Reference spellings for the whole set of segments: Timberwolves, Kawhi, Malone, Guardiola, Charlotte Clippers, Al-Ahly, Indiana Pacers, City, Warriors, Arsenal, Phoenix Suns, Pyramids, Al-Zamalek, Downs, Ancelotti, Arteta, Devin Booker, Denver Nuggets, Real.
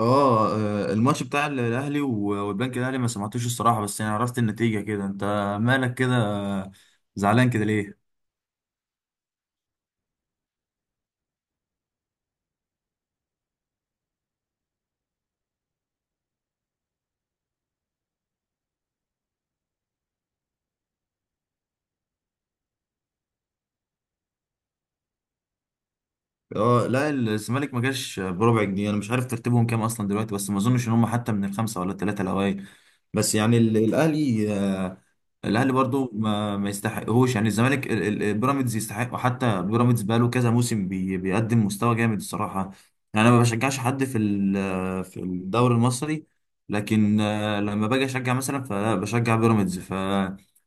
اه الماتش بتاع الاهلي والبنك الاهلي ما سمعتوش الصراحه، بس يعني عرفت النتيجه كده. انت مالك كده زعلان كده ليه؟ اه لا، الزمالك ما جاش بربع جنيه. انا مش عارف ترتيبهم كام اصلا دلوقتي، بس ما اظنش ان هم حتى من الخمسه ولا الثلاثه الاوائل. بس يعني الاهلي، الاهلي برضو ما يستحقهوش. يعني الزمالك البيراميدز يستحق، وحتى بيراميدز بقاله كذا موسم بيقدم مستوى جامد الصراحه. يعني انا ما بشجعش حد في في الدوري المصري، لكن لما باجي اشجع مثلا فبشجع بيراميدز. ف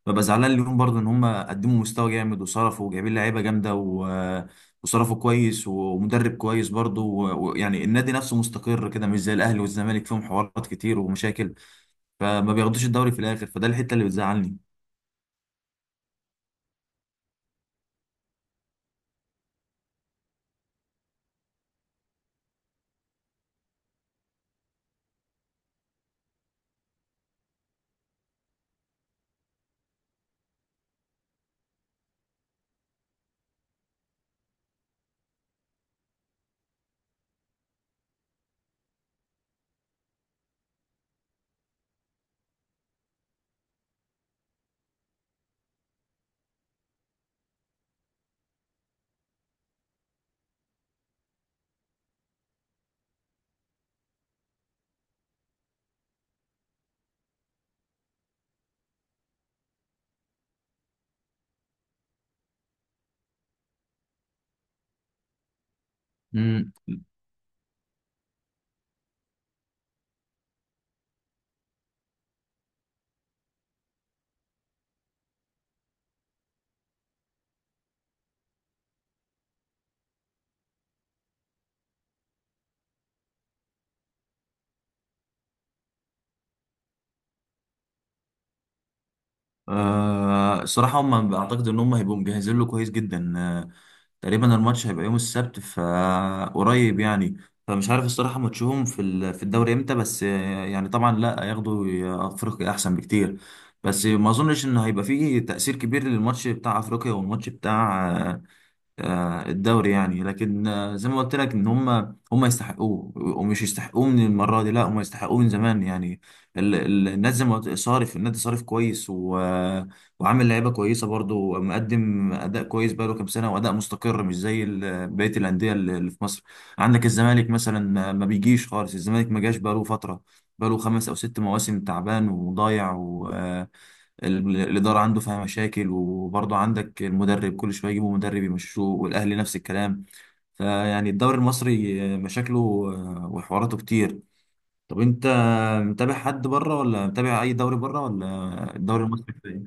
ببقى زعلان اليوم برضو ان هم قدموا مستوى جامد وصرفوا وجايبين لعيبه جامده وصرفوا كويس ومدرب كويس برضو ويعني النادي نفسه مستقر كده، مش زي الاهلي والزمالك فيهم حوارات كتير ومشاكل، فما بياخدوش الدوري في الاخر. فده الحته اللي بتزعلني. امم آه الصراحه هم بعتقد ان هم هيبقوا مجهزين له كويس جدا. آه تقريبا الماتش هيبقى يوم السبت فقريب يعني. فمش عارف الصراحه ماتشهم في في الدوري امتى، بس آه يعني طبعا لا، هياخدوا افريقيا احسن بكتير. بس ما اظنش ان هيبقى فيه تاثير كبير للماتش بتاع افريقيا والماتش بتاع الدوري يعني. لكن زي ما قلت لك ان هم هم يستحقوه، ومش يستحقوه من المره دي، لا هم يستحقوه من زمان يعني. النادي زي ما قلت صارف، النادي صارف كويس و... وعامل لعيبه كويسه برضو، مقدم اداء كويس بقاله كام سنه، واداء مستقر مش زي بقيه الانديه اللي في مصر. عندك الزمالك مثلا ما بيجيش خالص، الزمالك ما جاش بقاله فتره، بقاله 5 او 6 مواسم تعبان وضايع. الإدارة عنده فيها مشاكل، وبرضه عندك المدرب كل شوية يجيبوا مدرب يمشوه، والأهلي نفس الكلام. فيعني الدوري المصري مشاكله وحواراته كتير. طب أنت متابع حد بره، ولا متابع أي دوري بره، ولا الدوري المصري كده؟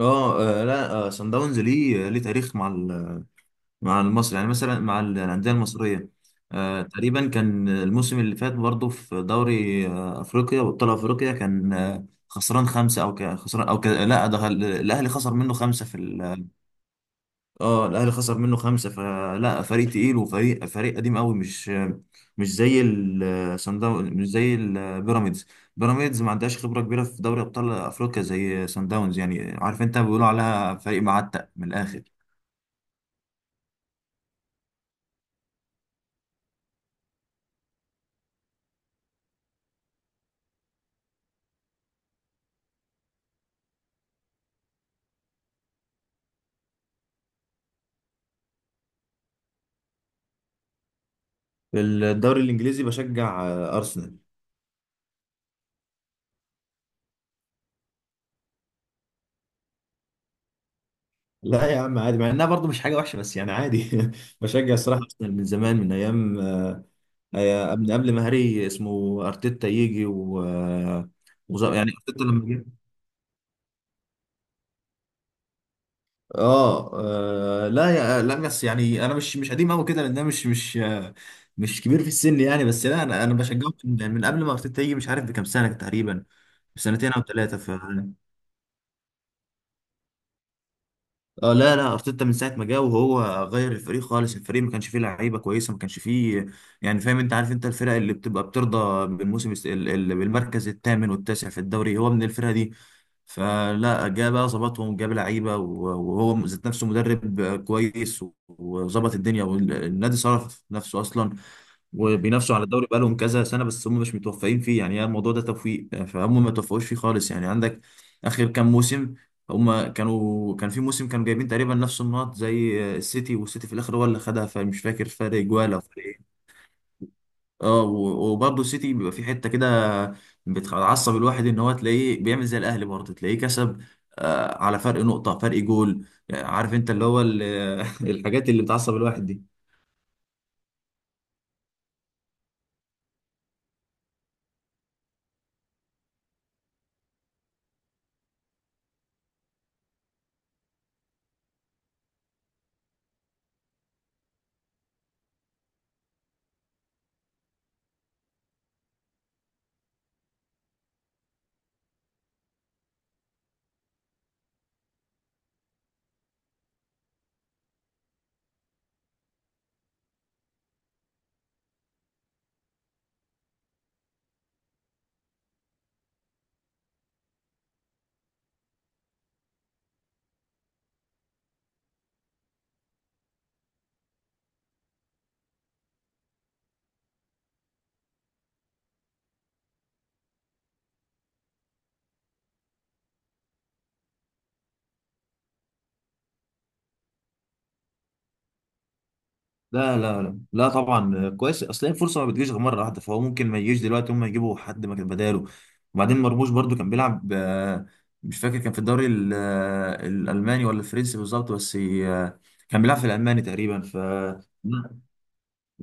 اه لا، سان داونز ليه ليه تاريخ مع مع المصري يعني، مثلا مع الأندية المصرية. آه تقريبا كان الموسم اللي فات برضه في دوري آه أفريقيا وأبطال أفريقيا كان آه خسران 5 أو خسران أو لا، ده الأهلي خسر منه 5 في ال... اه الأهلي خسر منه 5. فلا، فريق تقيل وفريق فريق قديم قوي، مش زي صن داونز، مش زي البيراميدز. بيراميدز ما عندهاش خبرة كبيرة في دوري أبطال أفريقيا زي صن داونز، يعني عارف أنت بيقولوا عليها فريق معتق من الآخر. في الدوري الإنجليزي بشجع أرسنال. لا يا عم عادي، مع انها برضه مش حاجه وحشه، بس يعني عادي بشجع الصراحه ارسنال من زمان، من ايام من قبل ما هاري اسمه ارتيتا يجي و يعني ارتيتا لما جه، اه لا، يا لا بس يعني انا مش قديم قوي كده، لان انا مش كبير في السن يعني. بس لا، انا انا بشجعه من من قبل ما ارتيتا يجي، مش عارف بكام سنه تقريبا، بسنتين او ثلاثه. اه لا لا ارتيتا من ساعه ما جه وهو غير الفريق خالص. الفريق ما كانش فيه لعيبه كويسه، ما كانش فيه، يعني فاهم انت. عارف انت الفرق اللي بتبقى بترضى بالموسم بالمركز 8 و9 في الدوري، هو من الفرقه دي. فلا جه بقى ظبطهم، جاب لعيبه وهو ذات نفسه مدرب كويس وظبط الدنيا، والنادي صرف نفسه اصلا. وبينافسوا على الدوري بقالهم كذا سنه، بس هم مش متوفقين فيه يعني. هي الموضوع ده توفيق، فهم ما توفقوش فيه خالص يعني. عندك اخر كام موسم، هم كانوا كان في موسم كانوا جايبين تقريبا نفس النقط زي السيتي، والسيتي في الاخر هو اللي خدها، فمش فاكر فرق جوال او فرق ايه. اه وبرضه السيتي بيبقى في حته كده بتعصب الواحد، ان هو تلاقيه بيعمل زي الاهلي برضه تلاقيه كسب على فرق نقطه فرق جول، يعني عارف انت اللي هو الحاجات اللي بتعصب الواحد دي. لا لا لا لا طبعا كويس، اصل هي الفرصه ما بتجيش غير مره واحده، فهو ممكن ما يجيش دلوقتي هم يجيبوا حد مكان بداله. وبعدين مرموش برضو كان بيلعب، مش فاكر كان في الدوري الالماني ولا الفرنسي بالظبط، بس كان بيلعب في الالماني تقريبا. ف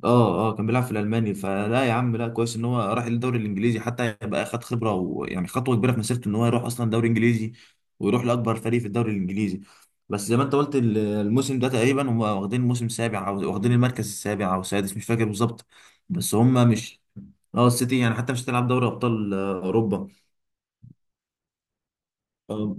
اه كان بيلعب في الالماني. فلا يا عم لا، كويس ان هو راح الدوري الانجليزي حتى يبقى خد خبره، ويعني خطوه كبيره في مسيرته ان هو يروح اصلا دوري انجليزي، ويروح لاكبر فريق في الدوري الانجليزي. بس زي ما انت قلت الموسم ده تقريبا هم واخدين موسم سابع، او واخدين المركز السابع او السادس مش فاكر بالظبط. بس هم مش، اه السيتي يعني حتى مش هتلعب دوري ابطال اوروبا. آه،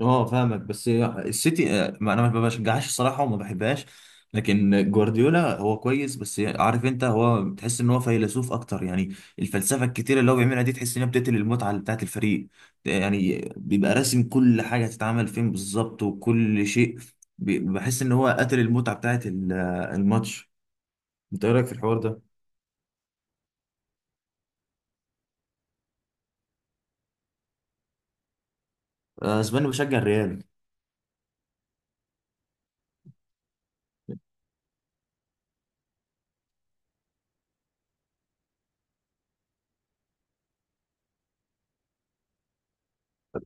اه فاهمك. بس السيتي ما انا ما بشجعهاش الصراحه وما بحبهاش. لكن جوارديولا هو كويس، بس عارف انت هو تحس ان هو فيلسوف اكتر، يعني الفلسفه الكتيره اللي هو بيعملها دي تحس انها بتقتل المتعه بتاعت الفريق. يعني بيبقى راسم كل حاجه تتعمل فين بالظبط وكل شيء. بحس ان هو قتل المتعه بتاعت الماتش. انت ايه رايك في الحوار ده؟ اسباني بشجع الريال.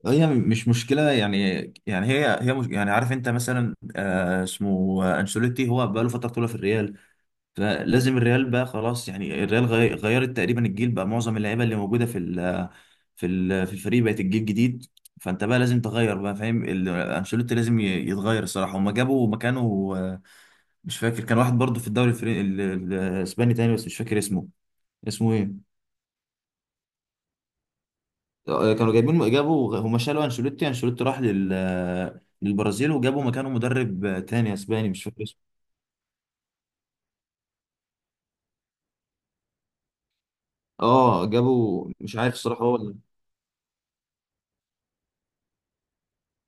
هي مش مشكلة يعني، يعني هي هي مش، يعني عارف انت مثلا آه اسمه انشيلوتي هو بقى له فترة طويلة في الريال، فلازم الريال بقى خلاص يعني. الريال غيرت تقريبا الجيل بقى، معظم اللعيبة اللي موجودة في ال في ال في الفريق بقت الجيل جديد. فانت بقى لازم تغير بقى، فاهم؟ انشيلوتي لازم يتغير الصراحة. هما جابوا مكانه مش فاكر، كان واحد برضه في الدوري الاسباني تاني، بس مش فاكر اسمه. اسمه ايه؟ كانوا جايبين، جابوا، هم شالوا انشيلوتي، انشيلوتي راح لل للبرازيل، وجابوا مكانه مدرب تاني اسباني مش فاكر اسمه. اه جابوا، مش عارف الصراحه هو ولا،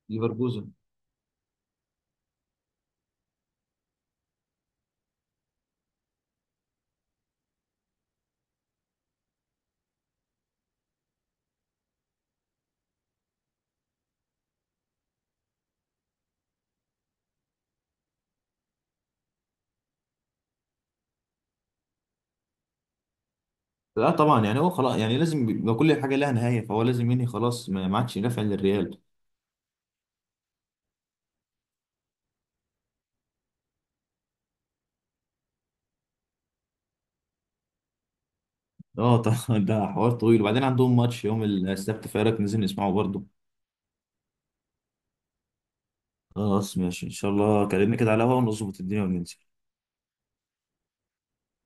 ليفركوزن. لا طبعا، يعني هو خلاص يعني لازم يبقى كل حاجه لها نهايه، فهو لازم ينهي خلاص، ما ما عادش يدافع للريال. اه طبعا ده حوار طويل، وبعدين عندهم ماتش يوم السبت فايرك ننزل نسمعه برضه. خلاص ماشي ان شاء الله، كلمني كده على الهوا ونظبط الدنيا وننزل.